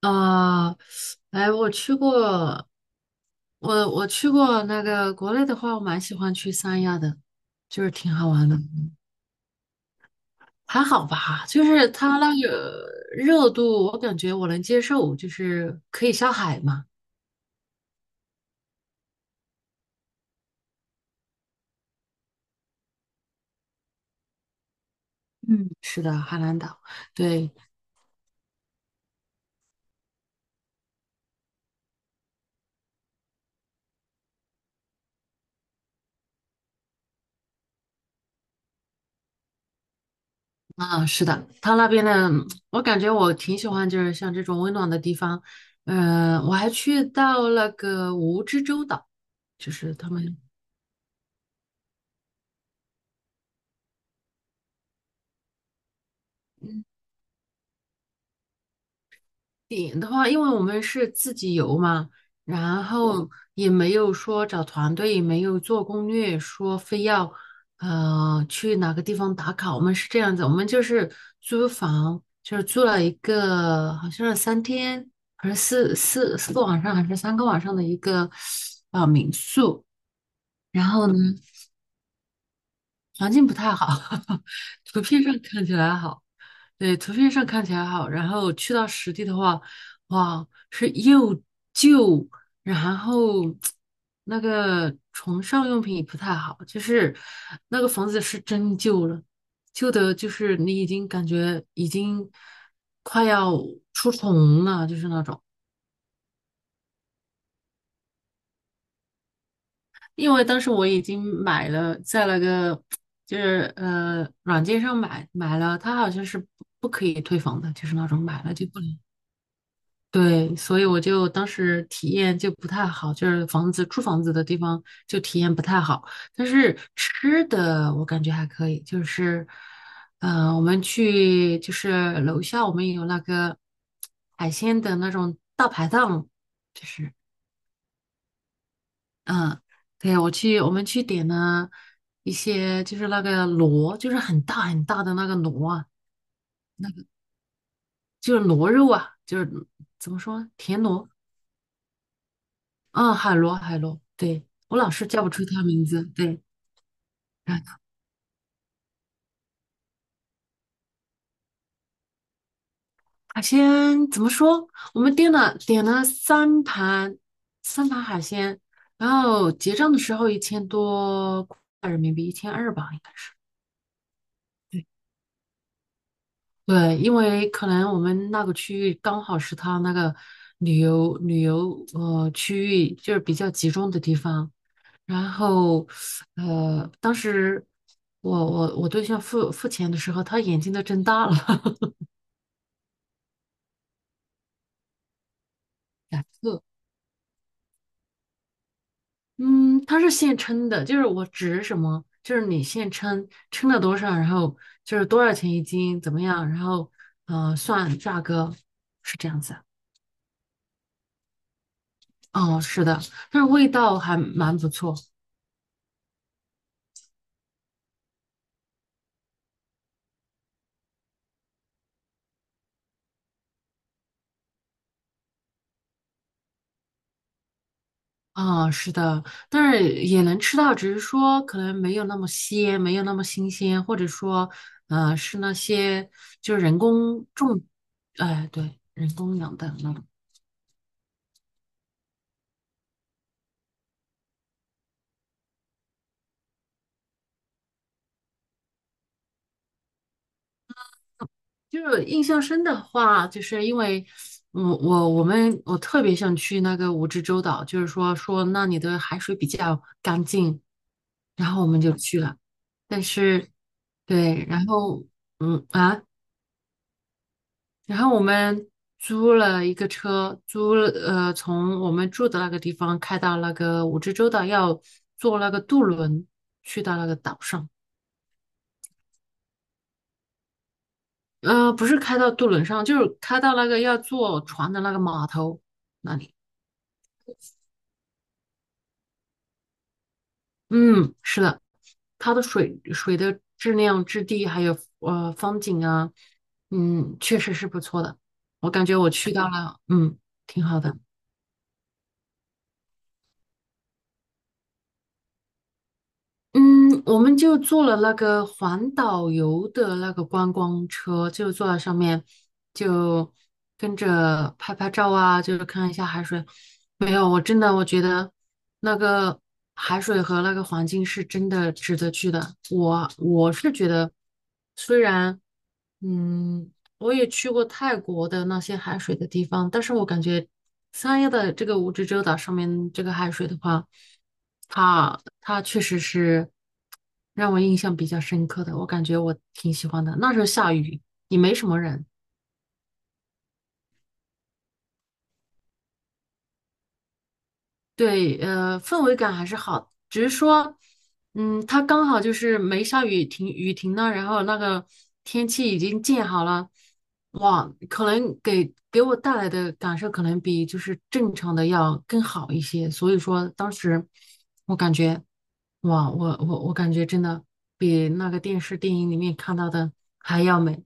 啊，哎，我去过，我去过那个国内的话，我蛮喜欢去三亚的，就是挺好玩的，还好吧，就是它那个热度，我感觉我能接受，就是可以下海嘛。嗯，是的，海南岛，对，啊，是的，它那边的，我感觉我挺喜欢，就是像这种温暖的地方。嗯、我还去到那个蜈支洲岛，就是他们。点的话，因为我们是自己游嘛，然后也没有说找团队，也没有做攻略，说非要去哪个地方打卡。我们是这样子，我们就是租房，就是租了一个好像是3天还是四个晚上，还是3个晚上的一个民宿。然后呢，环境不太好，图片上看起来好，对，图片上看起来好，然后去到实地的话，哇，是又旧，然后那个床上用品也不太好，就是那个房子是真旧了，旧的就是你已经感觉已经快要出虫了，就是那种。因为当时我已经买了，在那个就是软件上买了，它好像是不可以退房的，就是那种买了就不能。对，所以我就当时体验就不太好，就是房子住房子的地方就体验不太好。但是吃的我感觉还可以，就是我们去就是楼下我们有那个海鲜的那种大排档，就是。嗯，对啊，我去，我们去点了一些，就是那个螺，就是很大很大的那个螺啊，就是螺肉啊，就是怎么说，田螺啊，海螺，海螺，对，我老是叫不出它名字，对，啊，海鲜怎么说？我们点了三盘海鲜，然后结账的时候1000多块人民币，1200吧，应该是。对。对，因为可能我们那个区域刚好是他那个旅游区域，就是比较集中的地方。然后，呃，当时我对象付钱的时候，他眼睛都睁大了，两个，嗯，他是现称的，就是我指什么，就是你现称称了多少，然后就是多少钱一斤，怎么样，然后算价格是这样子。哦，是的，但是味道还蛮不错。啊、是的，但是也能吃到，只是说可能没有那么鲜，没有那么新鲜，或者说，是那些就是人工种，哎、对，人工养的那种。就是印象深的话，就是因为我们特别想去那个蜈支洲岛，就是说说那里的海水比较干净，然后我们就去了，但是对，然后嗯啊。然后我们租了一个车，租了，从我们住的那个地方开到那个蜈支洲岛，要坐那个渡轮去到那个岛上。呃，不是开到渡轮上，就是开到那个要坐船的那个码头那里。嗯，是的，它的水的质量、质地还有风景啊，嗯，确实是不错的。我感觉我去到了，嗯，挺好的。嗯，我们就坐了那个环岛游的那个观光车，就坐在上面，就跟着拍拍照啊，就是看一下海水。没有，我真的我觉得那个海水和那个环境是真的值得去的。我是觉得，虽然嗯我也去过泰国的那些海水的地方，但是我感觉三亚的这个蜈支洲岛上面这个海水的话，它确实是让我印象比较深刻的，我感觉我挺喜欢的。那时候下雨，也没什么人，对，氛围感还是好，只是说，它刚好就是没下雨停雨停了，然后那个天气已经建好了，哇，可能给我带来的感受可能比就是正常的要更好一些，所以说当时我感觉，哇，我感觉真的比那个电视电影里面看到的还要美，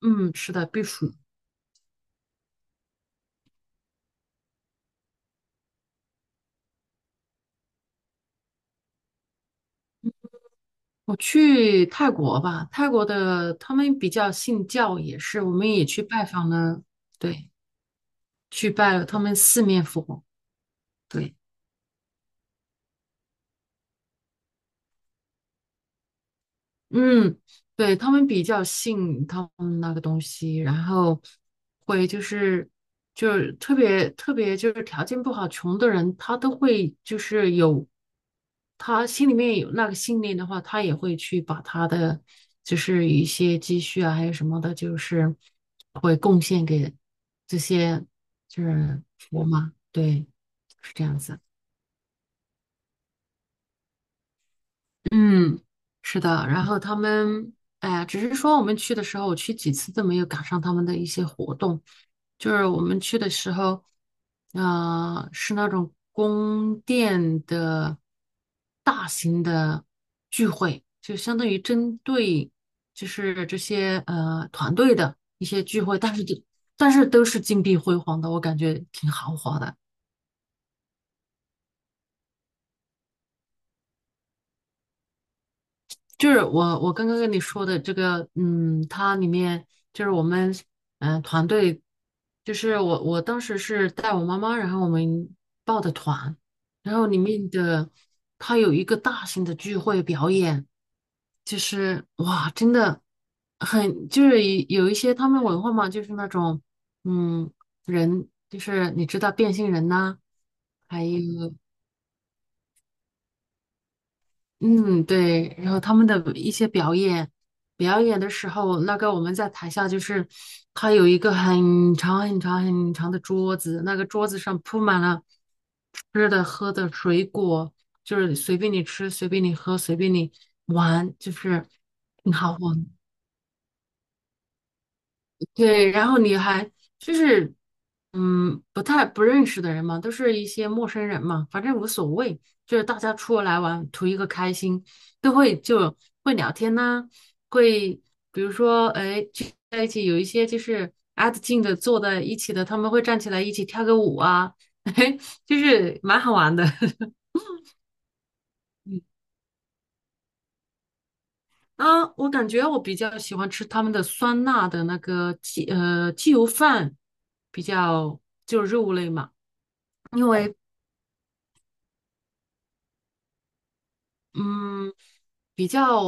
嗯，是的，必须。我去泰国吧，泰国的他们比较信教，也是我们也去拜访了，对，去拜了他们四面佛，对，嗯，对，他们比较信他们那个东西，然后会就是特别特别就是条件不好、穷的人，他都会就是有他心里面有那个信念的话，他也会去把他的就是一些积蓄啊，还有什么的，就是会贡献给这些就是佛嘛，对，是这样子。嗯，是的，然后他们，哎呀，只是说我们去的时候，我去几次都没有赶上他们的一些活动，就是我们去的时候，是那种宫殿的大型的聚会，就相当于针对就是这些团队的一些聚会，但是都是金碧辉煌的，我感觉挺豪华的。就是我刚刚跟你说的这个，嗯，它里面就是我们团队，就是我当时是带我妈妈，然后我们报的团，然后里面的它有一个大型的聚会表演，就是哇，真的很就是一有一些他们文化嘛，就是那种嗯人，就是你知道变性人呐、还有。嗯，对，然后他们的一些表演，表演的时候，那个我们在台下就是，他有一个很长很长很长的桌子，那个桌子上铺满了吃的、喝的、水果，就是随便你吃，随便你喝，随便你玩，就是挺好玩。对，然后你还就是，嗯，不太不认识的人嘛，都是一些陌生人嘛，反正无所谓，就是大家出来玩，图一个开心，都会就会聊天呐、会比如说，哎，聚在一起有一些就是挨得近的坐在一起的，他们会站起来一起跳个舞啊，嘿，就是蛮好玩的。嗯啊，我感觉我比较喜欢吃他们的酸辣的那个鸡鸡油饭，比较就肉类嘛。因为嗯，比较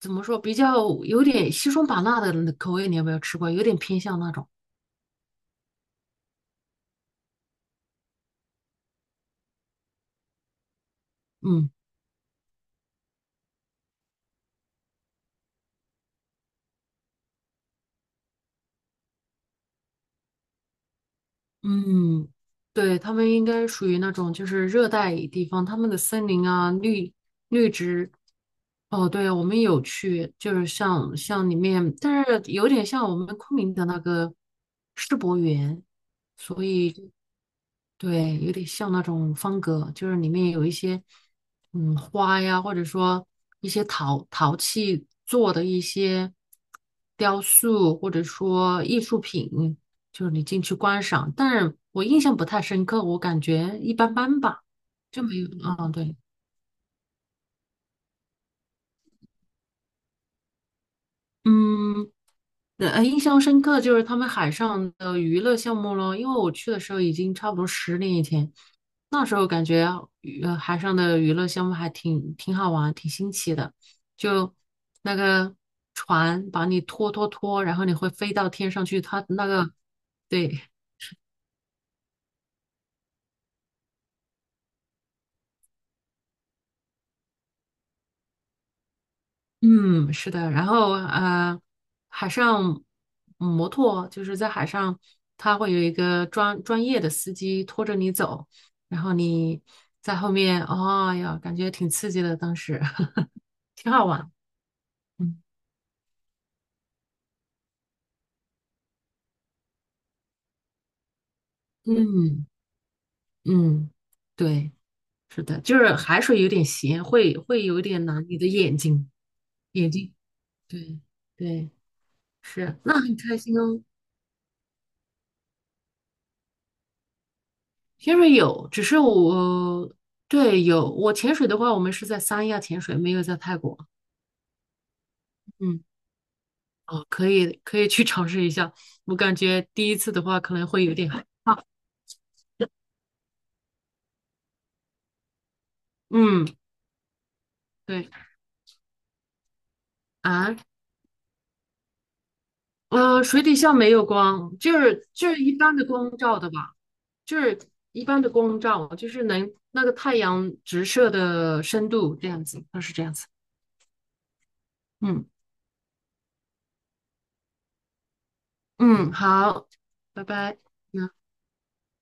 怎么说，比较有点西双版纳的那口味，你有没有吃过？有点偏向那种，嗯嗯，对，他们应该属于那种就是热带地方，他们的森林啊，绿植。哦，对，我们有去，就是像里面，但是有点像我们昆明的那个世博园，所以就对，有点像那种方格，就是里面有一些花呀，或者说一些陶器做的一些雕塑，或者说艺术品，就是你进去观赏。但是我印象不太深刻，我感觉一般般吧，就没有。嗯，对，嗯，印象深刻就是他们海上的娱乐项目咯，因为我去的时候已经差不多10年以前，那时候感觉啊海上的娱乐项目还挺好玩，挺新奇的，就那个船把你拖，然后你会飞到天上去，它那个对嗯，是的，然后海上摩托就是在海上，它会有一个专业的司机拖着你走，然后你在后面，哦呀，感觉挺刺激的，当时 挺好玩。嗯嗯嗯，对，是的，就是海水有点咸，会有一点难你的眼睛。对对，是，那很开心哦。潜水有，只是我，对，有，我潜水的话，我们是在三亚潜水，没有在泰国。嗯，哦，可以，可以去尝试一下。我感觉第一次的话可能会有点害 怕。嗯，对啊，水底下没有光，就是一般的光照的吧，就是一般的光照，就是能那个太阳直射的深度这样子，它是这样子。嗯嗯，好，拜拜。嗯。